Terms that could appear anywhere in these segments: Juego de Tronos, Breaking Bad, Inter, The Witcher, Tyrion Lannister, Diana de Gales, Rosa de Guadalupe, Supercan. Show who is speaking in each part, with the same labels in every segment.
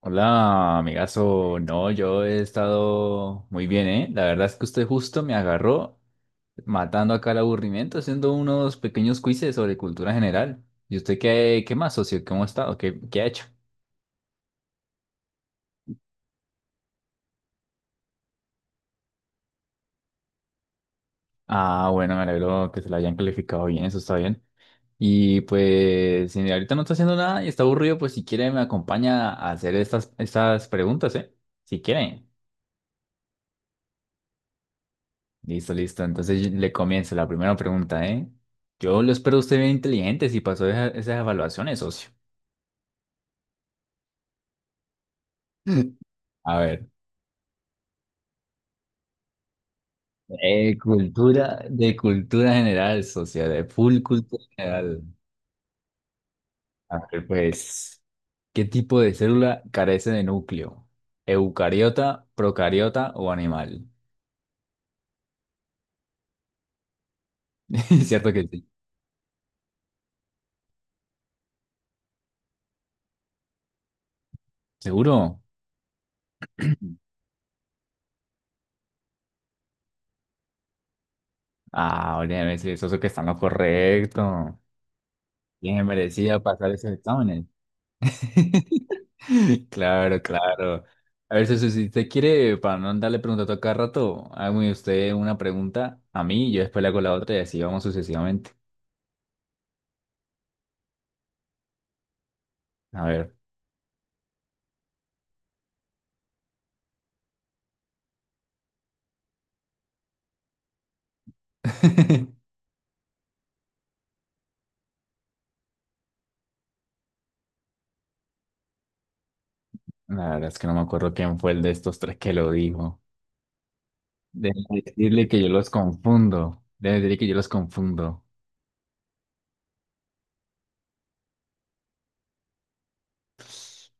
Speaker 1: Hola, amigazo. No, yo he estado muy bien, ¿eh? La verdad es que usted justo me agarró matando acá el aburrimiento, haciendo unos pequeños quizzes sobre cultura general. ¿Y usted qué más, socio? ¿Cómo ha estado? ¿Qué ha hecho? Ah, bueno, me alegro que se lo hayan calificado bien, eso está bien. Y pues, si ahorita no está haciendo nada y está aburrido, pues si quiere me acompaña a hacer estas preguntas, ¿eh? Si quiere. Listo, listo. Entonces le comienzo la primera pregunta, ¿eh? Yo lo espero usted bien inteligente si pasó esas evaluaciones, socio. A ver, cultura, de cultura general, socio, de full cultura general. A ver, pues, ¿qué tipo de célula carece de núcleo? ¿Eucariota, procariota o animal? ¿Cierto que sí? ¿Seguro? Ah, óyeme, sí, socio, que está en lo correcto. Bien merecía pasar esos exámenes. Claro, claro. A ver, Ceci, si usted quiere, para no andarle preguntando a cada rato, hágame usted una pregunta a mí, yo después le hago la otra y así vamos sucesivamente. A ver. La verdad es que no me acuerdo quién fue el de estos tres que lo dijo. Debe decirle que yo los confundo. Debe decirle que yo los confundo.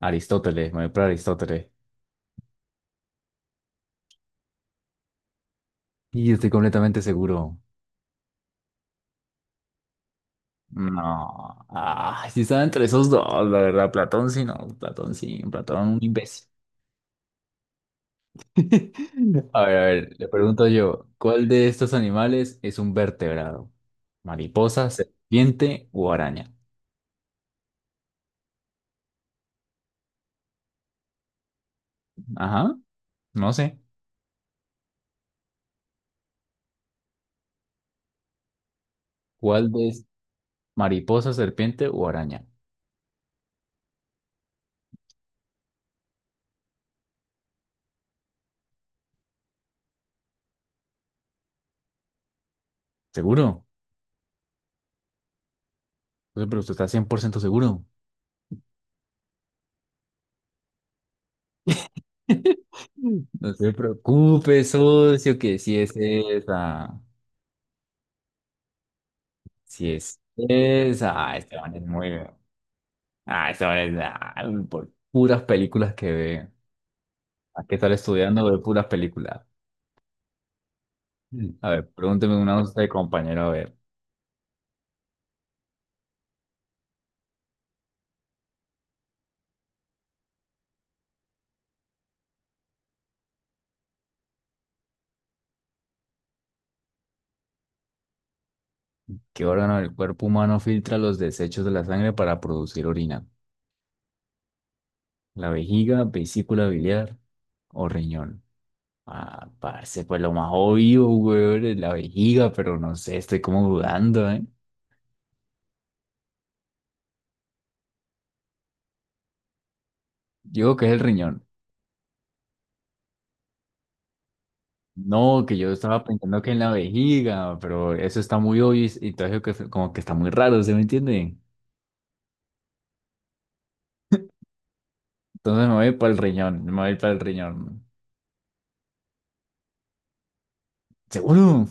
Speaker 1: Aristóteles, me voy por Aristóteles. Y estoy completamente seguro. No. Ah, sí estaba entre esos dos, la verdad. Platón sí, no. Platón sí. Platón un imbécil. A ver, le pregunto yo, ¿cuál de estos animales es un vertebrado? ¿Mariposa, serpiente o araña? Ajá, no sé. ¿Cuál de es mariposa, serpiente o araña? ¿Seguro? No sé, pero usted está 100% seguro. No se preocupe, socio, que si es esa. Si es esa. Ah, este man es muy... Ah, este man es... ah, por puras películas que ve. ¿A qué tal estudiando de puras películas? Mm. A ver, pregúnteme una a usted, compañero. A ver, ¿qué órgano del cuerpo humano filtra los desechos de la sangre para producir orina? ¿La vejiga, vesícula biliar o riñón? Ah, parece pues lo más obvio, weón, es la vejiga, pero no sé, estoy como dudando, ¿eh? Yo creo que es el riñón. No, que yo estaba pensando que en la vejiga, pero eso está muy obvio y todo eso como que está muy raro, ¿se me entiende? Entonces me voy para el riñón, me voy para el riñón. ¿Seguro?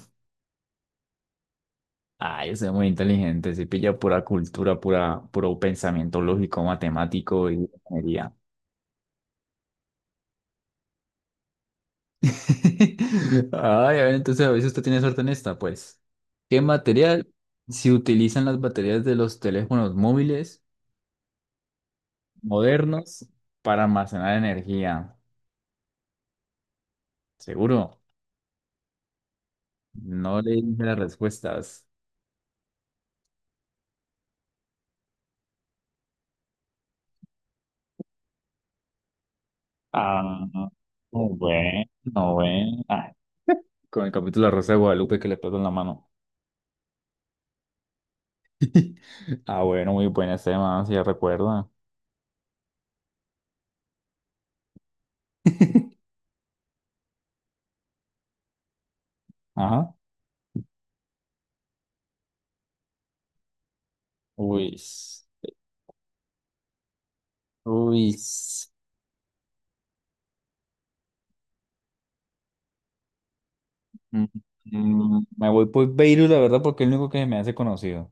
Speaker 1: Ay, usted es muy inteligente, se pilla pura cultura, pura, puro pensamiento lógico, matemático y ingeniería. Ay, a ver, entonces a veces usted tiene suerte en esta, pues. ¿Qué material se utilizan las baterías de los teléfonos móviles modernos para almacenar energía? Seguro, no le dije las respuestas. Ah, no bueno, bueno. Ah, con el capítulo de la Rosa de Guadalupe que le pasó en la mano. Ah, bueno, muy buena ese, man, si ya recuerda. Ajá. Uy. Uy. Mm, Me voy por Beirut, la verdad, porque es el único que me hace conocido.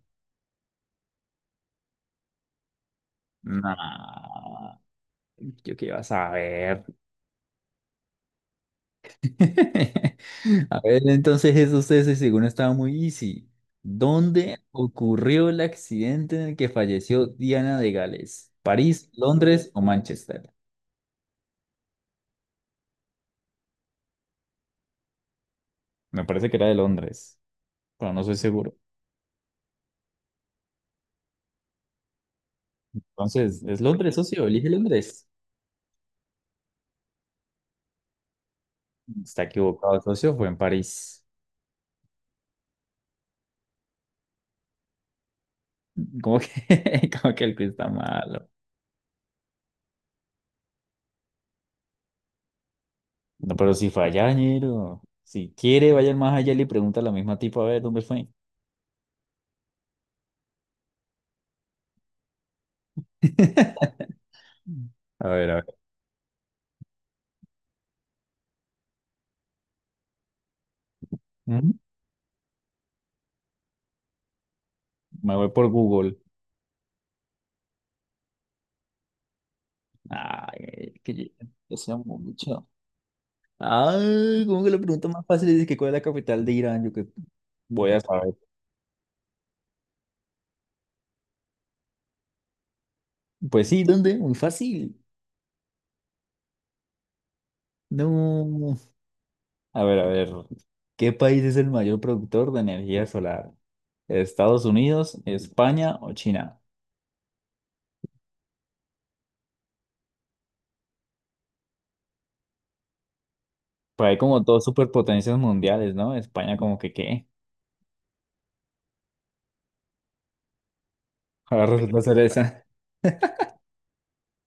Speaker 1: Nah, yo qué iba a saber. A ver, entonces eso ustedes ese segundo estaba muy easy. ¿Dónde ocurrió el accidente en el que falleció Diana de Gales? ¿París, Londres o Manchester? Me parece que era de Londres, pero no soy seguro. Entonces, ¿es Londres, socio? Elige Londres. Está equivocado, socio, fue en París. Como que, como que el quiz está malo. No, pero si fue allá, ñero. Si quiere, vaya más allá y le pregunta a la misma tipa a ver dónde fue. A ver, a ver. Ujú. Me voy por Google. Ay, que yo sé mucho. Ay, como que la pregunta más fácil es que cuál es la capital de Irán. Yo que voy a saber. Pues sí, ¿dónde? Muy fácil. No. A ver, a ver. ¿Qué país es el mayor productor de energía solar? ¿Estados Unidos, España o China? Pues hay como dos superpotencias mundiales, ¿no? España como que qué. Ahora resulta ser esa.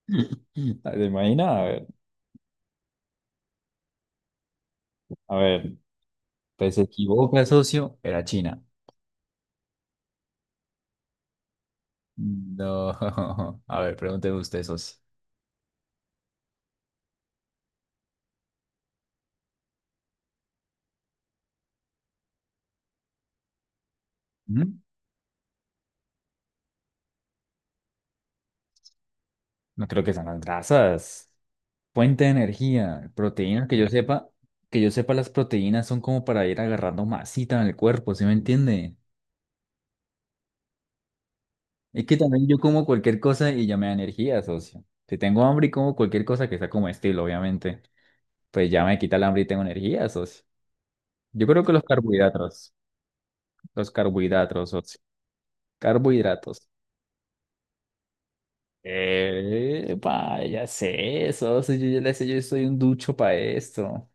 Speaker 1: ¿Se imagina? A ver, pues se equivoca, socio. Era China. No. A ver, pregúnteme usted, socio. ¿Mm? No creo que sean las grasas. Fuente de energía, proteínas, que yo sepa, las proteínas son como para ir agarrando masita en el cuerpo, ¿sí me entiende? Es que también yo como cualquier cosa y ya me da energía, socio. Si tengo hambre y como cualquier cosa que sea como estilo, obviamente. Pues ya me quita el hambre y tengo energía, socio. Yo creo que los carbohidratos, socio. Carbohidratos. Eh, ya sé, socio, yo ya le sé, yo soy un ducho para esto.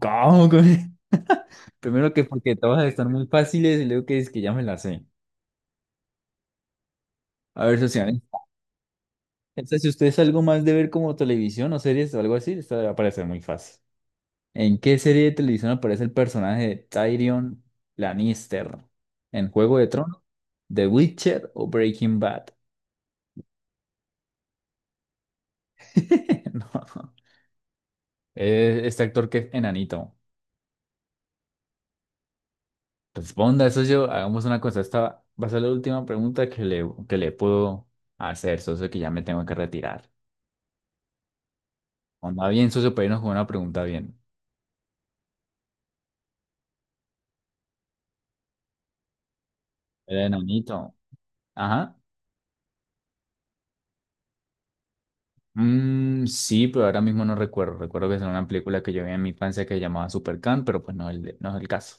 Speaker 1: ¿Cómo? Primero que porque todas están muy fáciles y luego que es que ya me las sé. A ver, socio, ¿eh? Esta, si usted es algo más de ver como televisión o series o algo así, esta le va a parecer muy fácil. ¿En qué serie de televisión aparece el personaje de Tyrion Lannister? ¿En Juego de Tronos, The Witcher o Breaking Bad? No. Este actor que es enanito. Responda eso yo. Hagamos una cosa. Esta va a ser la última pregunta que le puedo hacer, socio, que ya me tengo que retirar. Onda bien, socio, pero irnos con una pregunta bien. El enanito. Ajá. Mm, sí, pero ahora mismo no recuerdo. Recuerdo que es una película que yo vi en mi infancia que se llamaba Supercan, pero pues no, no es el caso.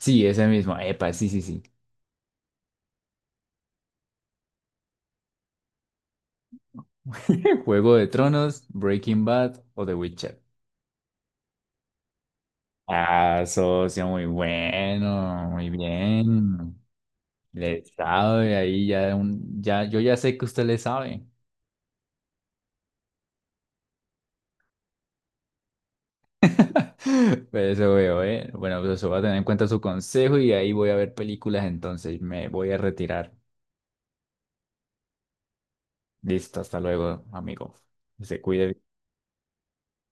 Speaker 1: Sí, ese mismo. Epa, sí, sí, sí. Juego de Tronos, Breaking Bad o The Witcher. Ah, socio, muy bueno, muy bien. Le sabe ahí ya un, ya, yo ya sé que usted le sabe. Pero eso veo, eh. Bueno, pues eso va a tener en cuenta su consejo y ahí voy a ver películas, entonces me voy a retirar. Listo, hasta luego, amigo. Se cuide.